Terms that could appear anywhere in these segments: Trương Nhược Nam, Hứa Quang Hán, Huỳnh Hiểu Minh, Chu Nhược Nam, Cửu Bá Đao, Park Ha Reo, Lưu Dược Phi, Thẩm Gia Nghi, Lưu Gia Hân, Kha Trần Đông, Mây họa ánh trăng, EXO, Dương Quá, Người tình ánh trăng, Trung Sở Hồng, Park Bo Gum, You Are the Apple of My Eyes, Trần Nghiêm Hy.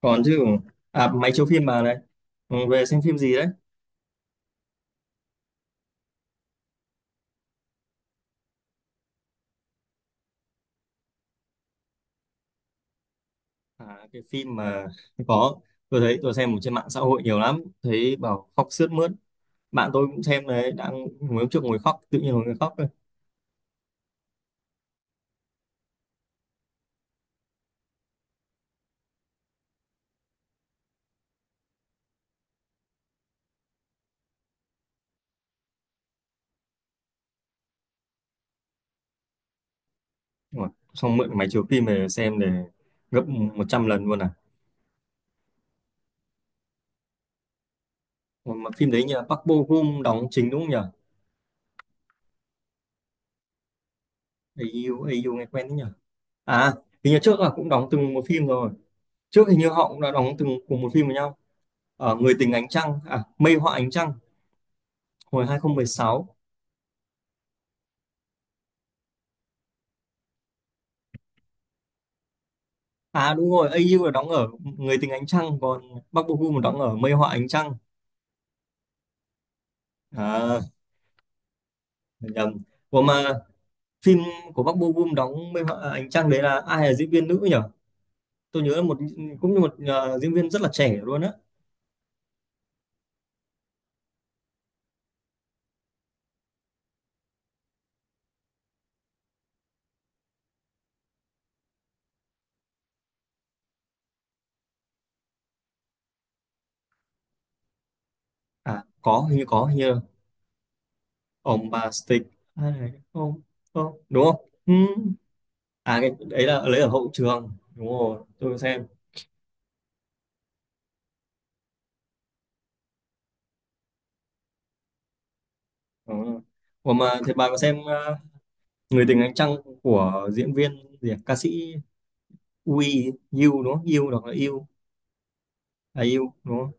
Còn chứ. À, máy chiếu phim mà này. Ừ, về xem phim gì đấy. À cái phim mà có, tôi thấy tôi xem ở trên mạng xã hội nhiều lắm, thấy bảo khóc sướt mướt. Bạn tôi cũng xem đấy, đang ngồi hôm trước ngồi khóc, tự nhiên ngồi ngồi khóc thôi. Nhưng mà xong mượn máy chiếu phim về xem để gấp 100 lần luôn à. Mà phim đấy nhờ Park Bo Gum đóng chính đúng không nhờ? AU, AU nghe quen đấy nhờ. À, hình như trước là cũng đóng từng một phim rồi. Trước hình như họ cũng đã đóng từng cùng một phim với nhau ở Người tình ánh trăng, à Mây họa ánh trăng hồi 2016. À đúng rồi, AU là đóng ở Người tình ánh trăng, còn Park Bo Gum đóng ở Mây họa ánh trăng. À nhầm. Ủa mà phim của Park Bo Gum đóng Mây họa ánh trăng đấy là ai là diễn viên nữ nhỉ? Tôi nhớ là một, cũng như một diễn viên rất là trẻ luôn á. À có hình như, có hình như là ông bà Stick, ai này không, không đúng không? Ừ. À cái đấy là lấy ở hậu trường. Đúng rồi, tôi có xem. Đúng rồi. Ủa mà thế bà có xem Người tình ánh trăng của diễn viên gì à? Ca sĩ Wii yêu đúng không? Yêu, đọc là U. À U đúng không?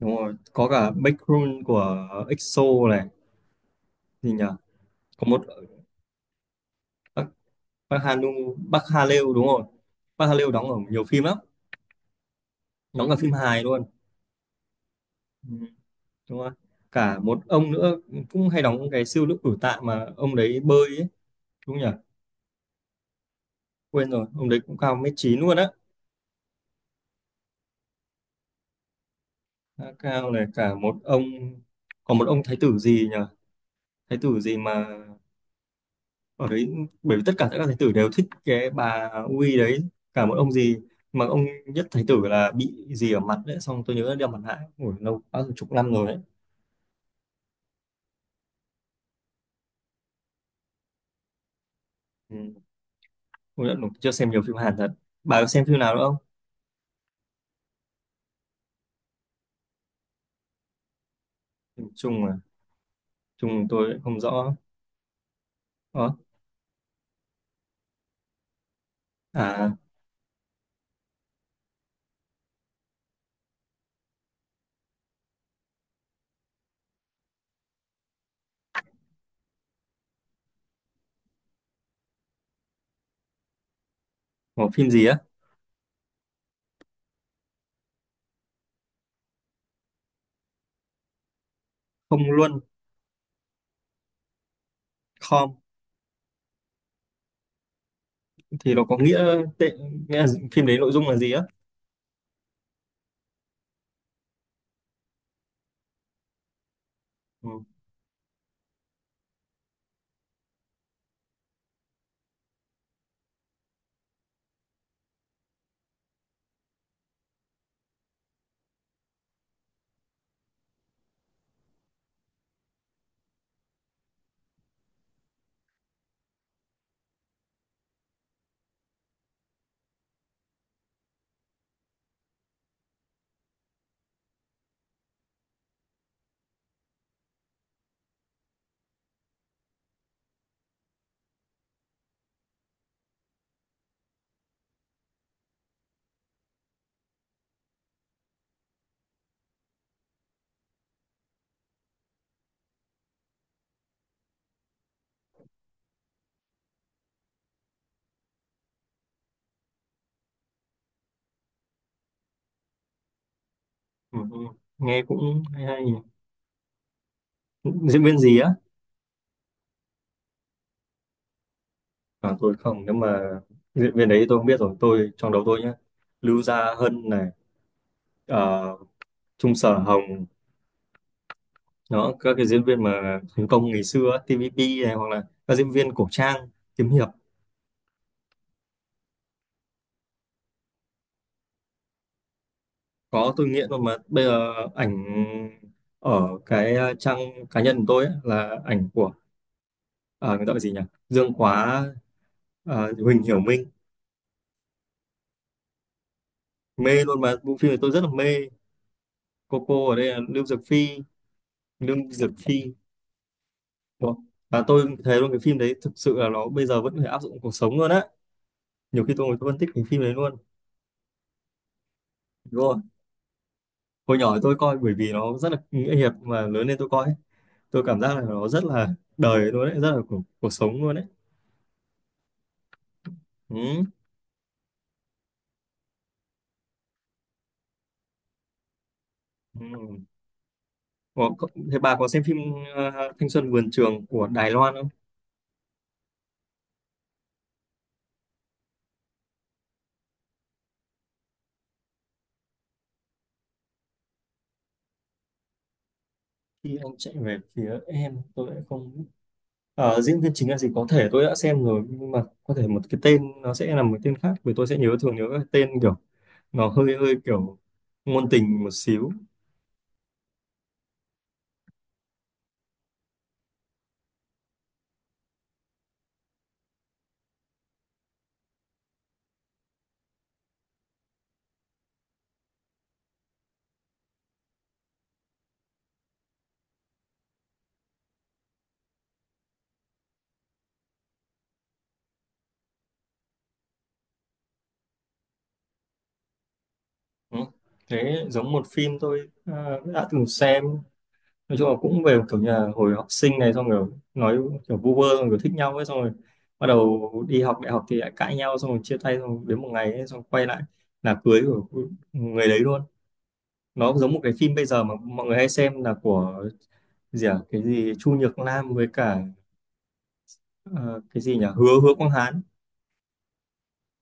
Đúng rồi có cả Backrun của EXO này, gì nhỉ, có một Park, Park Hanu. Park Ha Reo đúng rồi. Park Ha Reo đóng ở nhiều phim lắm, đóng cả phim hài luôn. Ừ, đúng rồi. Cả một ông nữa cũng hay đóng cái siêu nữ cử tạ, mà ông đấy bơi ấy, đúng nhỉ? Quên rồi, ông đấy cũng cao 1 mét 9 luôn á. Khá cao này cả một ông. Còn một ông thái tử gì nhỉ, thái tử gì mà ở đấy, bởi vì tất cả các thái tử đều thích cái bà Uy đấy. Cả một ông gì mà ông nhất thái tử là bị gì ở mặt đấy, xong tôi nhớ là đeo mặt nạ. Ngồi lâu quá rồi, chục năm rồi đấy. Ừ, tôi chưa xem nhiều phim Hàn thật. Bà có xem phim nào nữa không? Phim Trung à? Trung tôi không rõ đó. À có phim gì á? Không luôn. Com thì nó có nghĩa tệ, nghĩa là phim đấy nội dung là gì á? Ừ. Ừ. Ừ. Nghe cũng hay hay nhỉ. Diễn viên gì á? À, tôi không, nếu mà diễn viên đấy tôi không biết rồi. Tôi trong đầu tôi nhá, Lưu Gia Hân này, ờ, Trung Sở Hồng đó, các cái diễn viên mà thành công ngày xưa á, TVP này, hoặc là các diễn viên cổ trang, kiếm hiệp. Có, tôi nghiện luôn. Mà bây giờ ảnh ở cái trang cá nhân của tôi ấy, là ảnh của ờ, người ta gọi gì nhỉ, Dương Quá, Huỳnh Hiểu Minh, mê luôn. Mà bộ phim này tôi rất là mê. Cô ở đây là Lưu Dược Phi. Lưu Dược Phi. Ủa, và tôi thấy luôn cái phim đấy thực sự là nó bây giờ vẫn có thể áp dụng cuộc sống luôn á. Nhiều khi tôi ngồi tôi phân tích cái phim đấy luôn. Đúng rồi. Hồi nhỏ tôi coi bởi vì nó rất là nghĩa hiệp, mà lớn lên tôi coi ấy, tôi cảm giác là nó rất là đời luôn đấy, rất là cuộc sống luôn đấy. Ừ. Ừ. Ủa, thế bà có xem phim ờ, Thanh xuân vườn trường của Đài Loan không? Khi anh chạy về phía em tôi lại không. Ờ, diễn viên chính là gì, có thể tôi đã xem rồi nhưng mà có thể một cái tên nó sẽ là một tên khác, vì tôi sẽ nhớ, thường nhớ cái tên kiểu, nó hơi hơi kiểu ngôn tình một xíu. Ừ. Thế giống một phim tôi đã từng xem, nói chung là cũng về kiểu nhà hồi học sinh này, xong rồi nói kiểu vu vơ xong rồi thích nhau ấy, xong rồi bắt đầu đi học đại học thì lại cãi nhau, xong rồi chia tay, xong rồi đến một ngày ấy, xong quay lại là cưới của người đấy luôn. Nó giống một cái phim bây giờ mà mọi người hay xem là của gì à? Cái gì Chu Nhược Nam với cả ờ, cái gì nhỉ, Hứa Hứa Quang Hán.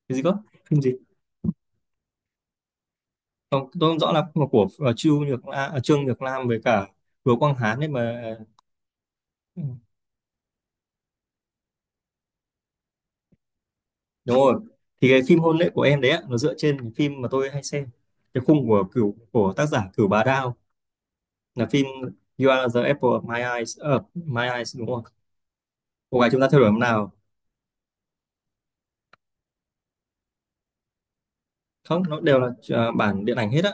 Cái gì cơ, phim gì? Không, tôi không rõ lắm, mà của Chu Nhược Nam, à Trương Nhược Nam với cả Hứa Quang Hán đấy, mà ừ, đúng rồi. Thì cái phim hôn lễ của em đấy ạ, nó dựa trên cái phim mà tôi hay xem, cái khung của tác giả Cửu Bá Đao, là phim You Are the Apple of My Eyes. Ờ, My Eyes đúng không, cô gái chúng ta theo đuổi hôm nào. Không, nó đều là bản điện ảnh hết á,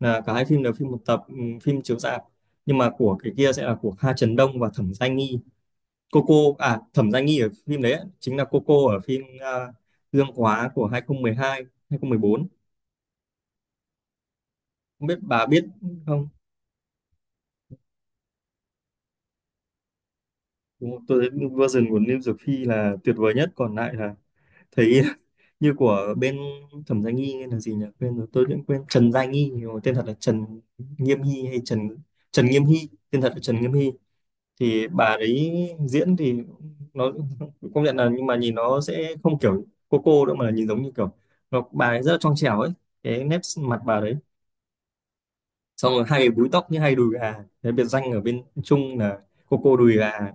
là cả hai phim đều phim một tập, phim chiếu rạp. Nhưng mà của cái kia sẽ là của Kha Trần Đông và Thẩm Gia Nghi. Coco, à Thẩm Gia Nghi ở phim đấy á, chính là Coco ở phim Gương Quá của 2012, 2014, không một bốn, không biết bà biết không. Đúng không? Tôi thấy version của Lim Dược Phi là tuyệt vời nhất, còn lại là thấy như của bên Thẩm Gia Nghi. Là gì nhỉ, quên rồi, tôi cũng quên. Trần Gia Nghi, nhưng mà tên thật là Nghiêm Hy, hay Trần Trần Nghiêm Hy, tên thật là Trần Nghiêm Hy. Thì bà ấy diễn thì nó công nhận là, nhưng mà nhìn nó sẽ không kiểu cô đâu, mà là nhìn giống như kiểu, nó, bà ấy rất là trong trẻo ấy, cái nét mặt bà đấy, xong rồi hay búi tóc như hay đùi gà. Cái biệt danh ở bên Trung là cô đùi gà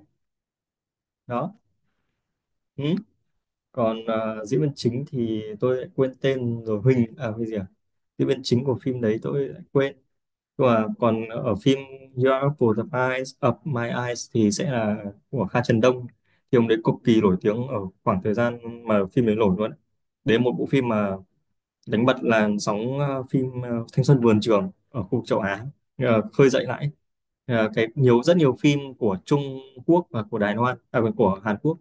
đó. Ừ. Còn diễn viên chính thì tôi lại quên tên rồi, Huỳnh à cái gì à, diễn viên chính của phim đấy tôi lại quên. Và còn ở phim Your Are Apple of My Eyes, Up My Eyes thì sẽ là của Kha Trần Đông, thì ông đấy cực kỳ nổi tiếng ở khoảng thời gian mà phim đấy nổi luôn đấy. Đấy là một bộ phim mà đánh bật làn sóng phim thanh xuân vườn trường ở khu vực châu Á, khơi dậy lại. Ờ, nhiều rất nhiều phim của Trung Quốc và của Đài Loan, à quên, của Hàn Quốc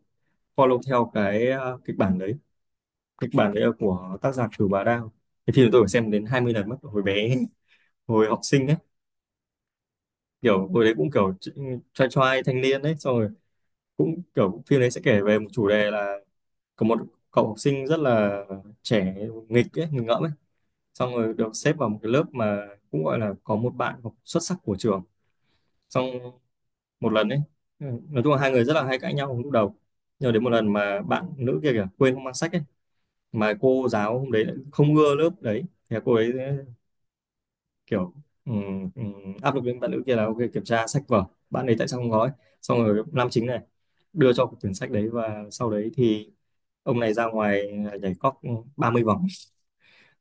follow theo cái kịch bản đấy. Kịch bản đấy là của tác giả Cửu Bà Đao. Thì phim này tôi phải xem đến 20 lần mất hồi bé, hồi học sinh, kiểu hồi đấy cũng kiểu trai trai thanh niên đấy, xong rồi cũng kiểu phim đấy sẽ kể về một chủ đề là có một cậu học sinh rất là trẻ, nghịch ấy, nghịch ngợm ấy, xong rồi được xếp vào một cái lớp mà cũng gọi là có một bạn học xuất sắc của trường. Xong một lần ấy, ừ, nói chung là hai người rất là hay cãi nhau lúc đầu, nhưng đến một lần mà bạn nữ kia kìa quên không mang sách ấy, mà cô giáo hôm đấy lại không ưa lớp đấy, thì cô ấy kiểu, ừ, ừ, áp lực lên bạn nữ kia là ok kiểm tra sách vở, bạn ấy tại sao không có ấy. Xong rồi nam chính này đưa cho quyển sách đấy, và sau đấy thì ông này ra ngoài, à nhảy cóc 30 vòng.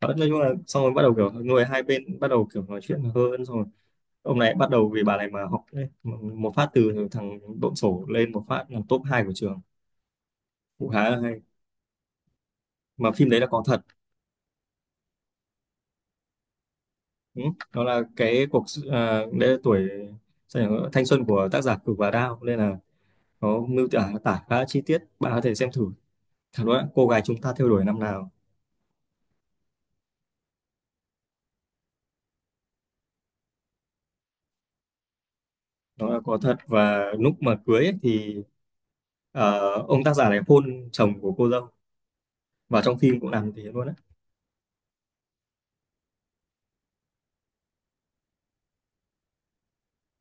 Đó, nói chung là xong rồi bắt đầu kiểu người hai bên bắt đầu kiểu nói chuyện hơn, xong rồi ông này bắt đầu vì bà này mà học đấy, một phát từ thằng độn sổ lên một phát là top 2 của trường. Cũng khá là hay. Mà phim đấy là có thật. Ừ. Đó là cái à, đấy là tuổi sao nhỉ, thanh xuân của tác giả Cửu và Đao, nên là nó tả tả khá chi tiết, bạn có thể xem thử. Thật đó, cô gái chúng ta theo đuổi năm nào. Nó là có thật, và lúc mà cưới ấy, thì ông tác giả này hôn chồng của cô dâu, và trong phim cũng làm thế luôn á.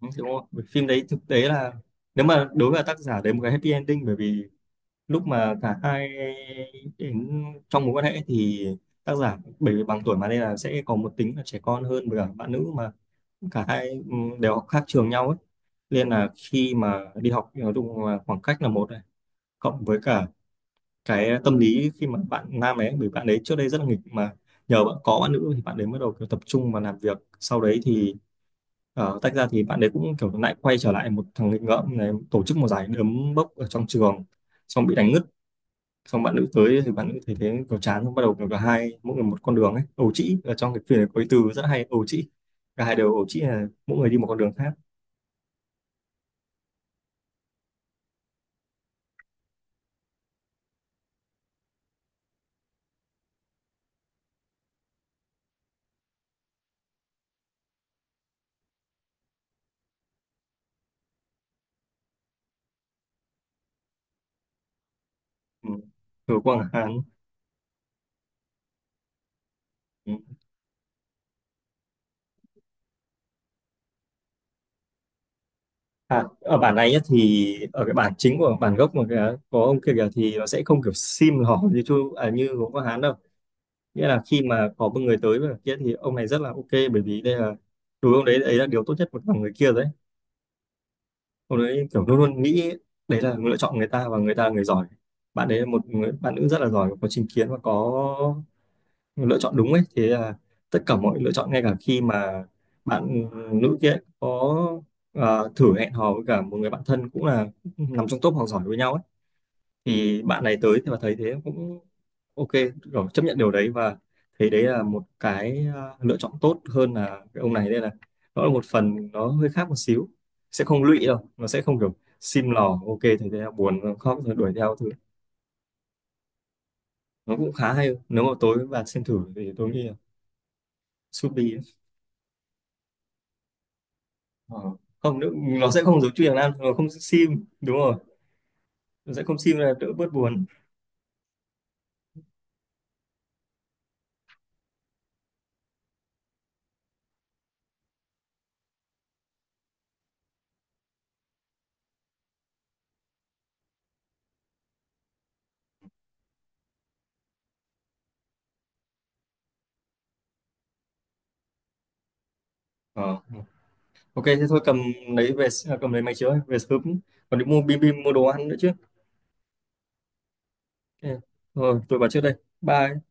Ừ, đúng không? Bởi phim đấy thực tế là nếu mà đối với tác giả đấy một cái happy ending, bởi vì lúc mà cả hai đến trong mối quan hệ thì tác giả bởi vì bằng tuổi mà, nên là sẽ có một tính là trẻ con hơn với cả bạn nữ mà. Cả hai đều học khác trường nhau ấy, nên là khi mà đi học thì nói chung là khoảng cách là một này, cộng với cả cái tâm lý khi mà bạn nam ấy, bởi bạn ấy trước đây rất là nghịch mà, nhờ bạn có bạn nữ thì bạn ấy bắt đầu kiểu tập trung vào làm việc. Sau đấy thì tách ra thì bạn ấy cũng kiểu lại quay trở lại một thằng nghịch ngợm này, tổ chức một giải đấm bốc ở trong trường, xong bị đánh ngất, xong bạn nữ tới thì bạn nữ thấy thế kiểu chán, xong bắt đầu kiểu cả hai mỗi người một con đường ấy. Ẩu trĩ, ở trong cái phim này có cái từ rất hay, ẩu trĩ. Cả hai đều ẩu trĩ là mỗi người đi một con đường khác. Ừ. Từ Quang Hán. Ừ. À, ở bản này nhá, thì ở cái bản chính của bản gốc mà cái, có ông kia kìa thì nó sẽ không kiểu sim hỏ như chú, à như gốm có Hán đâu. Nghĩa là khi mà có một người tới với cả kia thì ông này rất là ok, bởi vì đây là, đối với ông đấy đấy là điều tốt nhất của người kia rồi đấy. Ông đấy kiểu luôn luôn nghĩ đấy là lựa chọn người ta, và người ta là người giỏi, bạn đấy là một người bạn nữ rất là giỏi, có trình kiến và có lựa chọn đúng ấy. Thế là tất cả mọi lựa chọn, ngay cả khi mà bạn nữ kia có thử hẹn hò với cả một người bạn thân, cũng là nằm trong top học giỏi với nhau ấy, thì bạn này tới thì mà thấy thế cũng ok, rồi chấp nhận điều đấy, và thấy đấy là một cái lựa chọn tốt hơn là cái ông này, nên là nó là một phần nó hơi khác một xíu, sẽ không lụy đâu, nó sẽ không kiểu sim lò, ok thấy thế là buồn rồi khóc rồi đuổi theo thứ. Nó cũng khá hay, nếu mà tối bạn xem thử thì tôi nghĩ là Subi. Ờ. Không nữa, nó sẽ không giống chui Hàng Nam, nó không sim đúng rồi. Nó sẽ không sim là đỡ bớt buồn. Ờ. Ok thế thôi, cầm lấy về, à cầm lấy máy chiếu ấy, về sớm còn đi mua bim bim mua đồ ăn nữa chứ. Ok. Rồi tôi vào trước đây, bye.